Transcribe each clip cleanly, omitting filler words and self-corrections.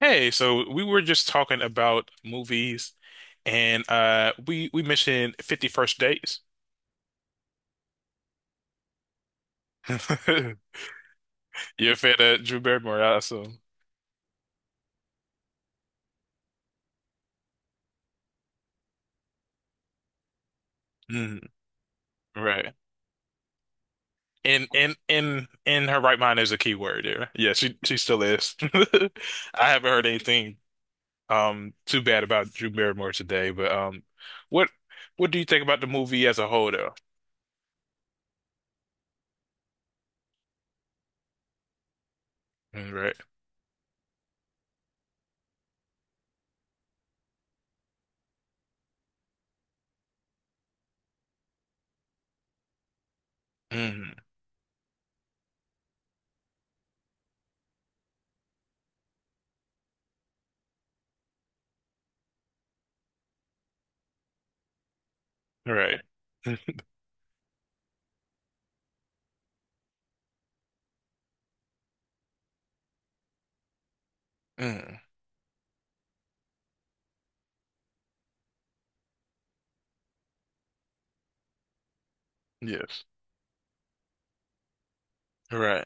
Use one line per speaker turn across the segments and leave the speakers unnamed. Hey, so we were just talking about movies, and we mentioned 50 First Dates. You're a fan of Drew Barrymore, I assume. Mm, right. And in her right mind is a key word there. Yeah, she still is. I haven't heard anything too bad about Drew Barrymore today, but what what do you think about the movie as a whole, though? Mm, right. Mm, right. Mm, yes. Right.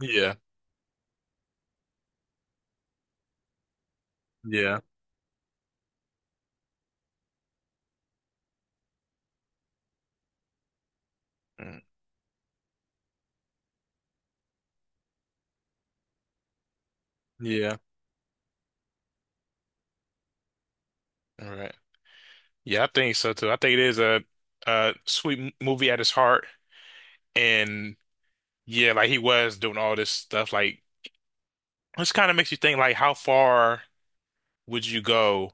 Yeah. Yeah. Mm, yeah. All right. Yeah, I think so too. I think it is a sweet movie at its heart, and yeah, like he was doing all this stuff. Like, this kind of makes you think, like, how far would you go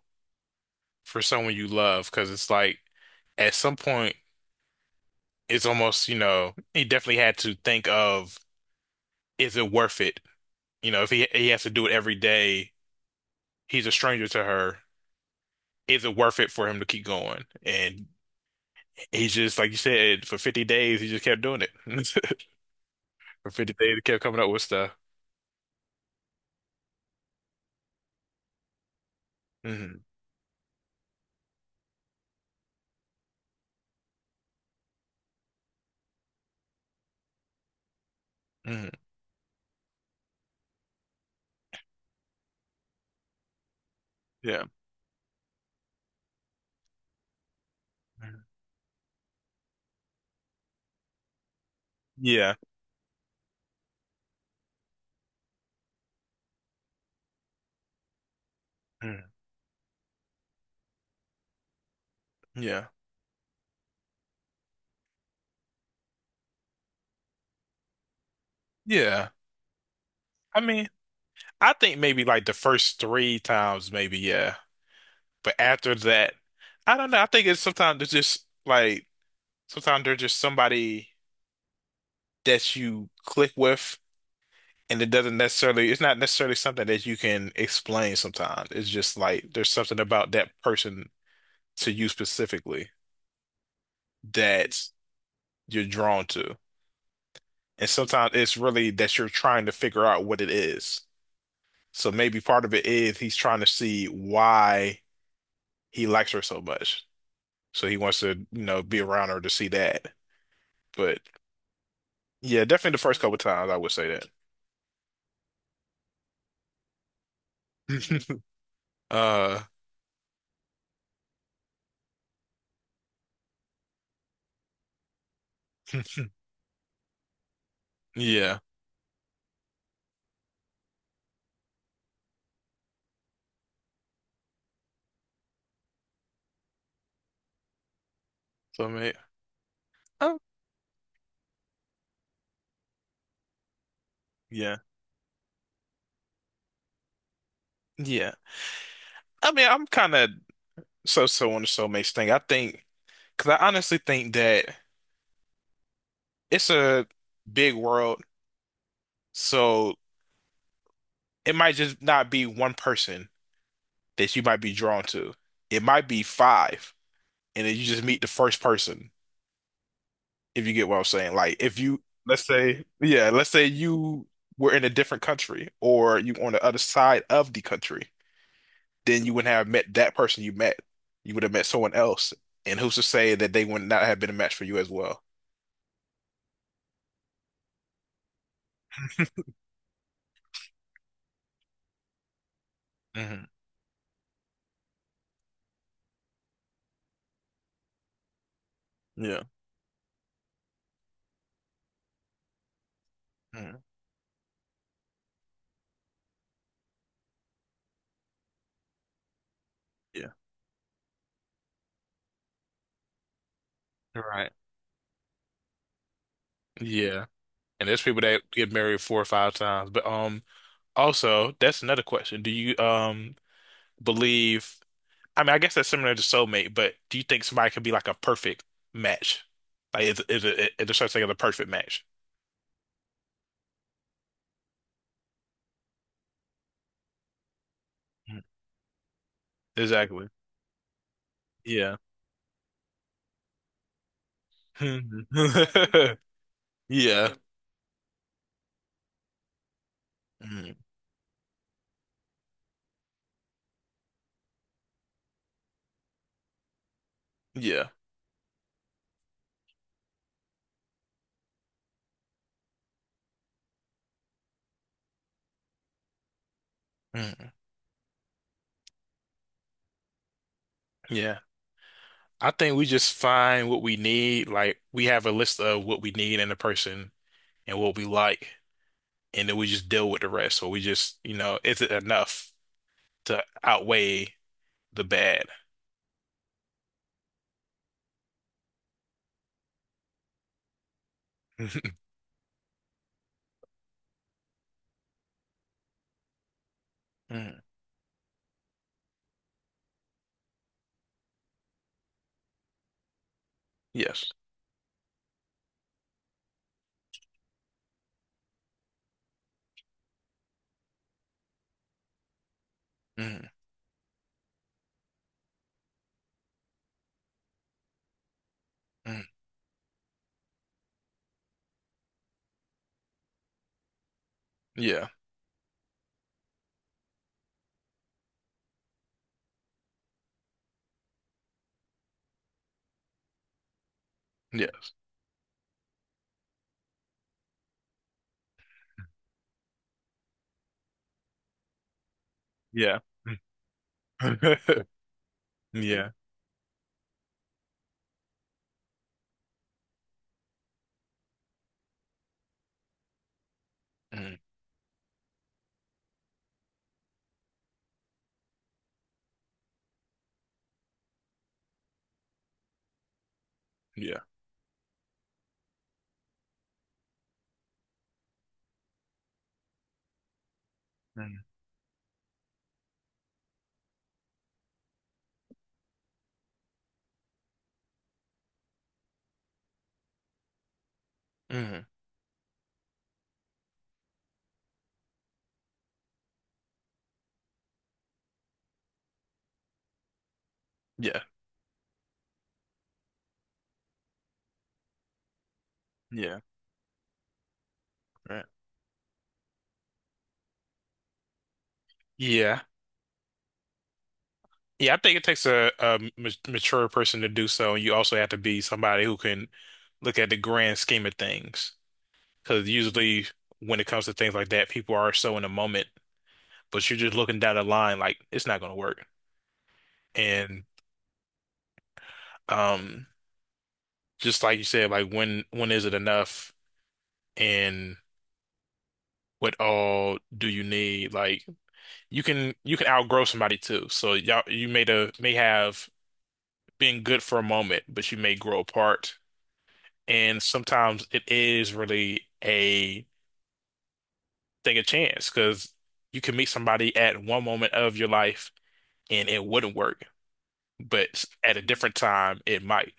for someone you love? Because it's like at some point, it's almost he definitely had to think of, is it worth it? If he has to do it every day, he's a stranger to her. Is it worth it for him to keep going? And he's just, like you said, for 50 days, he just kept doing it. Video, they kept coming up with stuff. Hmm. Hmm. Yeah. Mhm. Yeah. Mhm. Yeah. Yeah. I mean, I think maybe like the first three times, maybe, yeah. But after that, I don't know. I think it's sometimes there's just somebody that you click with, and it doesn't necessarily it's not necessarily something that you can explain sometimes. It's just like there's something about that person to you specifically that you're drawn to. And sometimes it's really that you're trying to figure out what it is. So maybe part of it is he's trying to see why he likes her so much. So he wants to, be around her to see that. But yeah, definitely the first couple times I would say that. Uh, yeah. So mate. Oh, yeah, yeah. I mean, I'm kind of so-so on the soulmates thing. I think, because I honestly think that it's a big world, so it might just not be one person that you might be drawn to. It might be five, and then you just meet the first person, if you get what I'm saying. Like if you let's say, yeah, let's say you were in a different country or you on the other side of the country, then you wouldn't have met that person you met. You would have met someone else. And who's to say that they would not have been a match for you as well? Hmm. Yeah. Hmm. Yeah. Right. Yeah. And there's people that get married four or five times. But also that's another question. Do you believe I mean, I guess that's similar to soulmate, but do you think somebody could be like a perfect match? Like, is there such thing as a perfect match? Mm, exactly. Yeah. Yeah. Mm, yeah. Mm, yeah. I think we just find what we need. Like, we have a list of what we need in a person and what we like, and then we just deal with the rest. Or we just, you know, is it enough to outweigh the bad? Mm, yes. Mm, mm, yeah. Yes. Yeah. Yeah. Mm, yeah. Mm, mm, yeah. Yeah. Right. Yeah. Yeah. I think it takes a, a mature person to do so. And you also have to be somebody who can look at the grand scheme of things. Because usually when it comes to things like that, people are so in the moment, but you're just looking down the line like it's not going to work. And um, just like you said, like when is it enough? And what all do you need? Like you can outgrow somebody too. So y'all you may the may have been good for a moment, but you may grow apart. And sometimes it is really a thing of chance because you can meet somebody at one moment of your life and it wouldn't work. But at a different time, it might.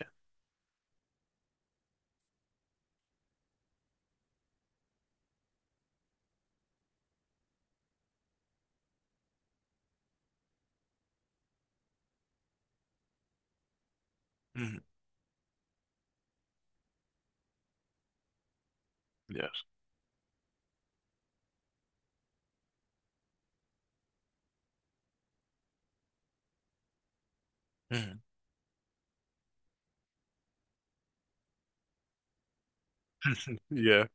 Mhm. Yes. Mhm. Yeah.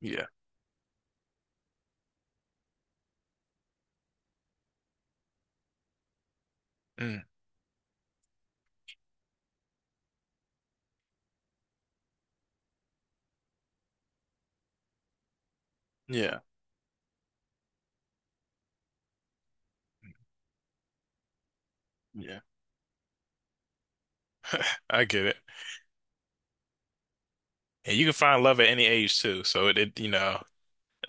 Yeah. Mm. Yeah. Yeah. I get it. And you can find love at any age too. So it, you know,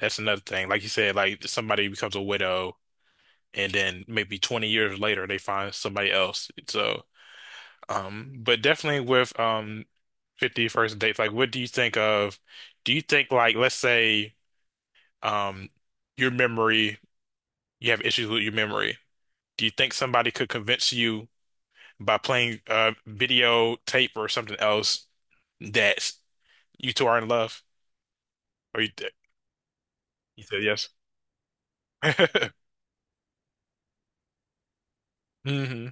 that's another thing. Like you said, like somebody becomes a widow and then maybe 20 years later they find somebody else. So But definitely with 50 first dates, like what do you think of do you think like let's say um your memory you have issues with your memory. Do you think somebody could convince you by playing video tape or something else that you two are in love? Or you said yes. Hmm.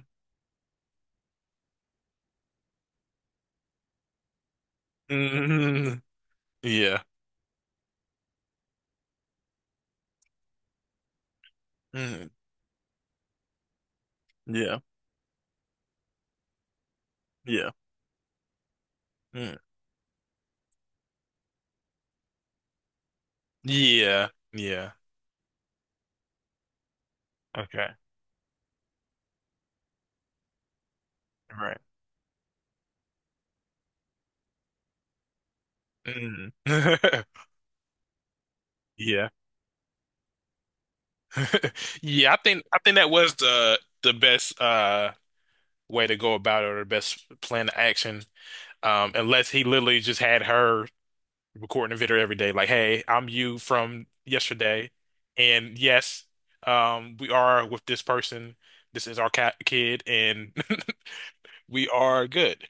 Hmm. Yeah. Hmm. Yeah. Yeah. Mm. Yeah. Yeah. Okay. Right. Hmm. Yeah. Yeah, I think that was the best way to go about it or the best plan of action. Unless he literally just had her recording a video every day, like, hey, I'm you from yesterday. And yes, we are with this person. This is our cat kid, and we are good.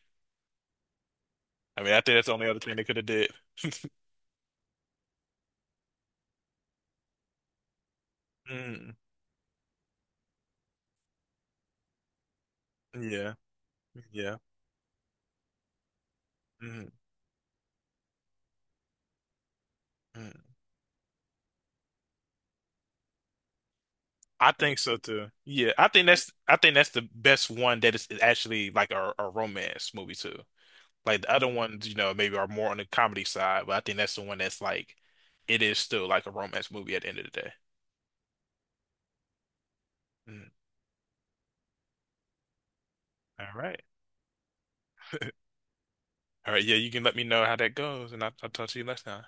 I mean, I think that's the only other thing they could have did. Mm, yeah, yeah. Mm, mm. I think so too. Yeah, I think that's the best one that is actually like a romance movie too. Like the other ones, you know, maybe are more on the comedy side, but I think that's the one that's like it is still like a romance movie at the end of the day. Mm. All right. All right, yeah, you can let me know how that goes, and I'll talk to you next time.